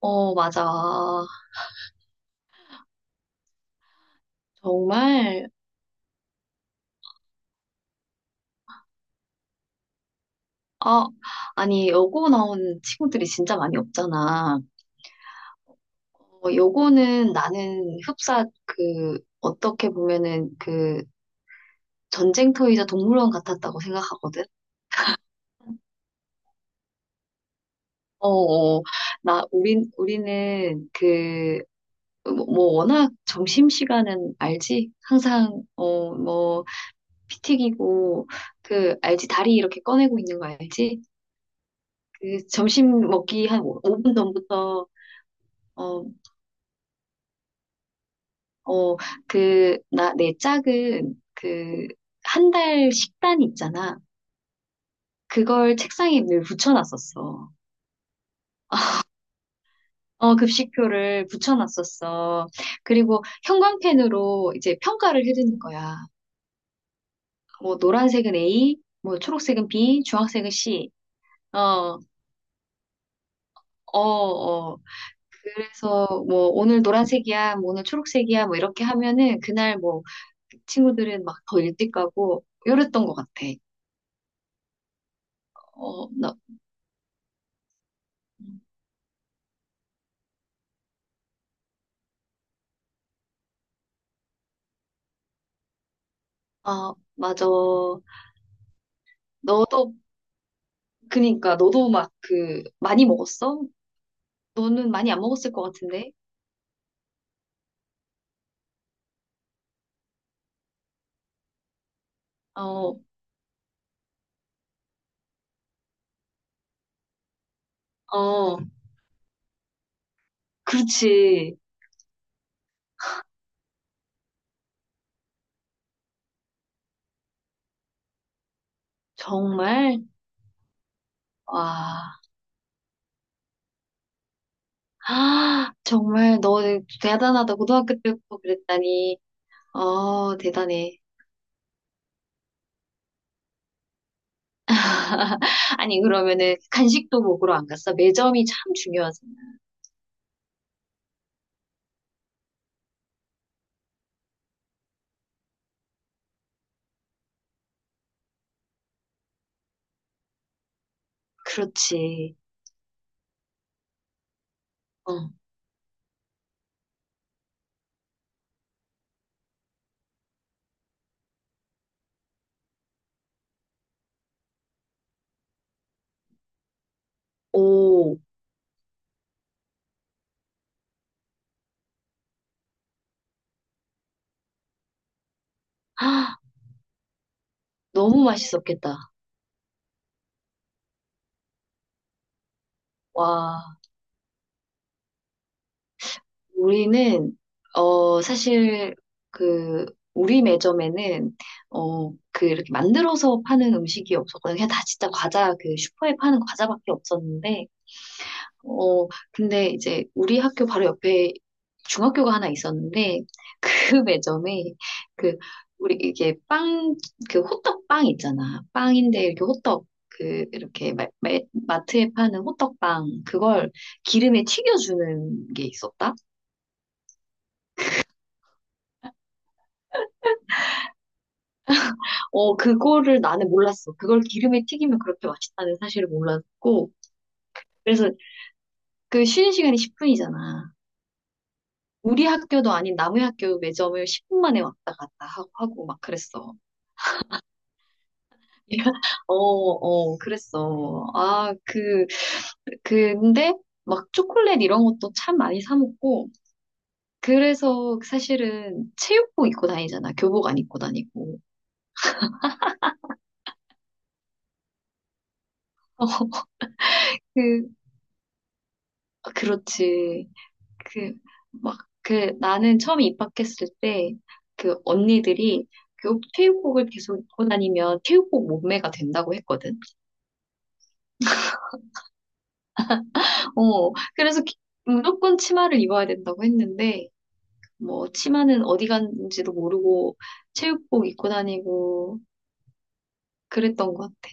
어, 맞아. 정말, 아, 아니, 여고 나온 친구들이 진짜 많이 없잖아. 어, 여고는 나는 흡사, 그, 어떻게 보면은 그 전쟁터이자 동물원 같았다고 생각하거든. 어, 어, 나, 우리는 그, 뭐 워낙 점심시간은 알지? 항상, 어, 뭐, 피 튀기고, 그, 알지? 다리 이렇게 꺼내고 있는 거 알지? 그 점심 먹기 한 5분 전부터 어, 어, 그, 나, 내 짝은 그, 한 달 식단 있잖아. 그걸 책상에 늘 붙여놨었어. 어, 급식표를 붙여놨었어. 그리고 형광펜으로 이제 평가를 해주는 거야. 뭐, 노란색은 A, 뭐, 초록색은 B, 주황색은 C. 어, 어, 어. 그래서 뭐, 오늘 노란색이야, 뭐, 오늘 초록색이야, 뭐, 이렇게 하면은 그날 뭐, 친구들은 막 더 일찍 가고, 이랬던 것 같아. 어, 나, 음. 아, 맞아. 너도, 그니까, 너도 막 그, 많이 먹었어? 너는 많이 안 먹었을 것 같은데? 어, 어, 그렇지. 정말? 와, 아, 정말 너는 대단하다. 고등학교 때부터 그랬다니. 어, 대단해. 아니, 그러면은 간식도 먹으러 안 갔어? 매점이 참 중요하잖아. 그렇지. 어, 오, 아, 너무 맛있었겠다. 와. 우리는 어 사실 그 우리 매점에는 어 그 이렇게 만들어서 파는 음식이 없었거든요. 그냥 다 진짜 과자 그 슈퍼에 파는 과자밖에 없었는데 어 근데 이제 우리 학교 바로 옆에 중학교가 하나 있었는데 그 매점에 그 우리 이게 빵 그 호떡 빵 있잖아. 빵인데 이렇게 호떡 그 이렇게 마트에 파는 호떡 빵 그걸 기름에 튀겨주는 게 있었다. 어, 그거를 나는 몰랐어. 그걸 기름에 튀기면 그렇게 맛있다는 사실을 몰랐고. 그래서 그 쉬는 시간이 10분이잖아. 우리 학교도 아닌 남의 학교 매점을 10분 만에 왔다 갔다 하고 막 그랬어. 어, 어, 그랬어. 아, 그, 근데 막 초콜릿 이런 것도 참 많이 사 먹고. 그래서 사실은 체육복 입고 다니잖아. 교복 안 입고 다니고. 그, 아, 그렇지. 그, 막, 그, 나는 처음 입학했을 때, 그 언니들이 그 체육복을 계속 입고 다니면 체육복 몸매가 된다고 했거든. 어, 그래서 무조건 치마를 입어야 된다고 했는데, 뭐, 치마는 어디 갔는지도 모르고 체육복 입고 다니고 그랬던 것 같아.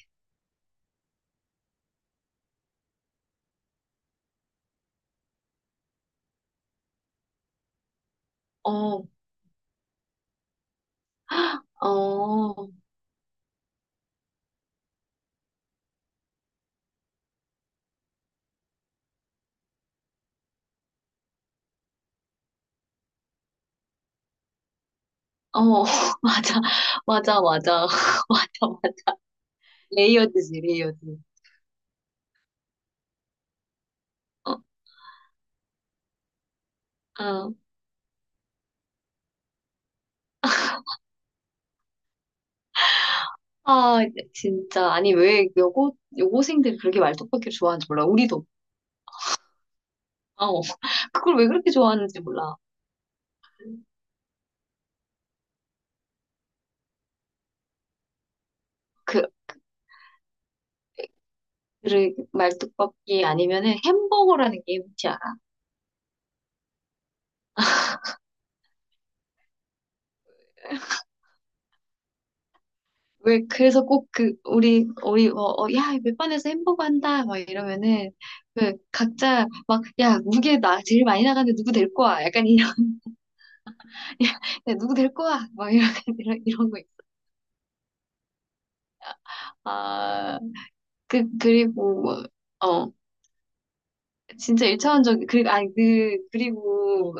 어, 어, 어, 맞아, 맞아, 맞아, 맞아, 맞아. 레이어드지, 레이어드. 어, 어. 아, 진짜. 아니, 왜 여고생들이 그렇게 말뚝박기를 좋아하는지 몰라. 우리도. 어, 그걸 왜 그렇게 좋아하는지 몰라. 그, 그, 말뚝박기 아니면은 햄버거라는 게 뭔지 알아? 왜, 그래서 꼭 그, 우리, 어, 어, 야, 몇 반에서 햄버거 한다. 막 이러면은, 그, 각자 막, 야, 무게 나, 제일 많이 나가는데 누구 될 거야? 약간 이런, 야, 누구 될 거야? 막 이런, 이런 거 있어. 아, 그, 그리고, 뭐, 어. 진짜 일차원적이 그리고 아니 그 그리고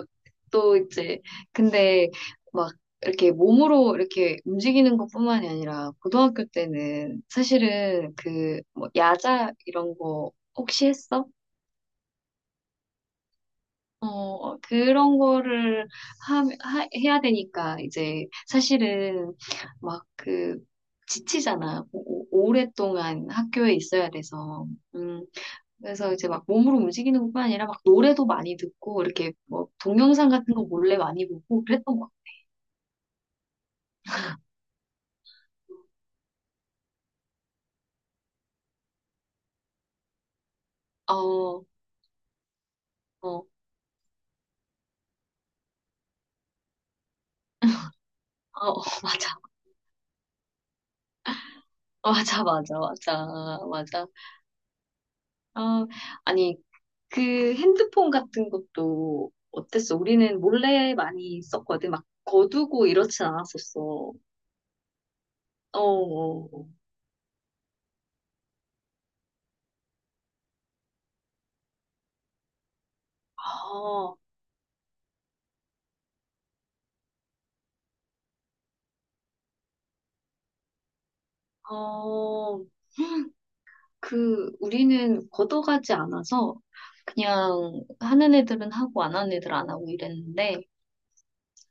또 이제 근데 막 이렇게 몸으로 이렇게 움직이는 것뿐만이 아니라 고등학교 때는 사실은 그 뭐 야자 이런 거 혹시 했어? 어 그런 거를 하, 해야 되니까 이제 사실은 막 그 지치잖아. 오랫동안 학교에 있어야 돼서. 음. 그래서 이제 막 몸으로 움직이는 것뿐 아니라 막 노래도 많이 듣고 이렇게 뭐 동영상 같은 거 몰래 많이 보고 그랬던 것 같아요. 어, 어, 어, 어, 맞아. 어, 맞아, 맞아, 맞아, 맞아. 어, 아니, 그 핸드폰 같은 것도 어땠어? 우리는 몰래 많이 썼거든. 막 거두고 이렇진 않았었어. 어, 어, 어. 아, 어. 그 우리는 걷어가지 않아서 그냥 하는 애들은 하고 안 하는 애들 안 하고 이랬는데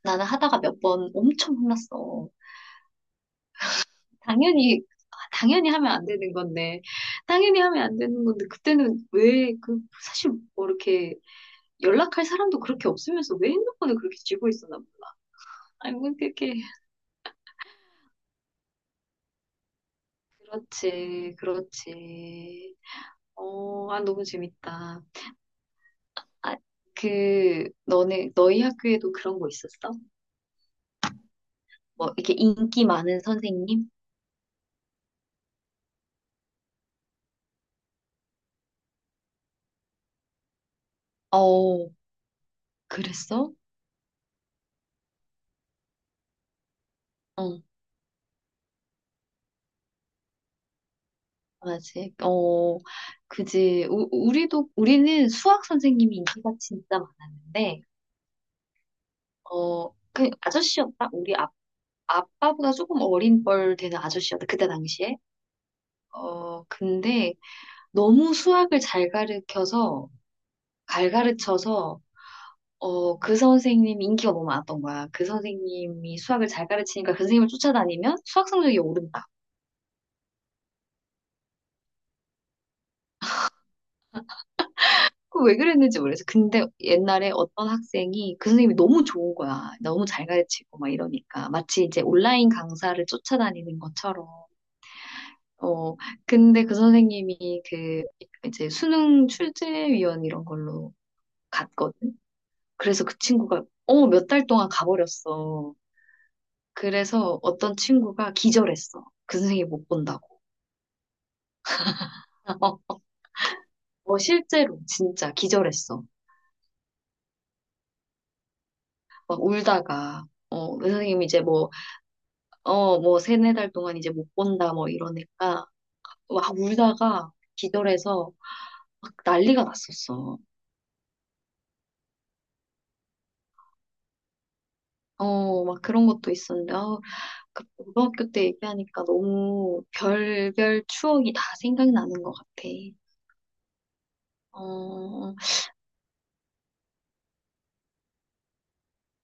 나는 하다가 몇 번 엄청 혼났어. 당연히 아, 당연히 하면 안 되는 건데 그때는 왜 그 사실 뭐 이렇게 연락할 사람도 그렇게 없으면서 왜 핸드폰을 그렇게 쥐고 있었나 보다 아니 뭐 그렇게 그렇지 그렇지. 어, 아 너무 재밌다. 아, 그 너네 너희 학교에도 그런 거 있었어? 뭐 이렇게 인기 많은 선생님? 어, 그랬어? 어, 맞지. 어, 그지. 우, 우리도 우리는 수학 선생님이 인기가 진짜 많았는데, 어, 그 아저씨였다. 우리 아빠보다 조금 어린 뻘 되는 아저씨였다. 그때 당시에. 어, 근데 너무 수학을 잘 가르쳐서 어, 그 선생님이 인기가 너무 많았던 거야. 그 선생님이 수학을 잘 가르치니까 그 선생님을 쫓아다니면 수학 성적이 오른다. 그 왜 그랬는지 모르겠어. 근데 옛날에 어떤 학생이 그 선생님이 너무 좋은 거야. 너무 잘 가르치고 막 이러니까. 마치 이제 온라인 강사를 쫓아다니는 것처럼. 어, 근데 그 선생님이 그 이제 수능 출제위원 이런 걸로 갔거든. 그래서 그 친구가 어, 몇 달 동안 가버렸어. 그래서 어떤 친구가 기절했어. 그 선생님 못 본다고. 어, 실제로 진짜 기절했어. 막 울다가. 어, 그 선생님이 이제 뭐 어, 뭐, 세네 달 동안 이제 못 본다, 뭐, 이러니까, 막 울다가 기절해서 막 난리가 났었어. 어, 막 그런 것도 있었는데, 아, 그 고등학교 때 얘기하니까 너무 별별 추억이 다 생각나는 것 같아. 어,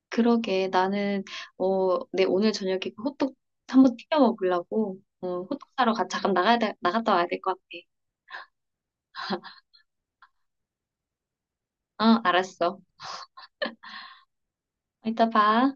그러게. 나는, 어, 내 오늘 저녁에 그 호떡 한번 튀겨 먹으려고, 어, 호떡 사러 가, 잠깐 나가야 돼, 나갔다 와야 될 것 같아. 어, 알았어. 이따 봐.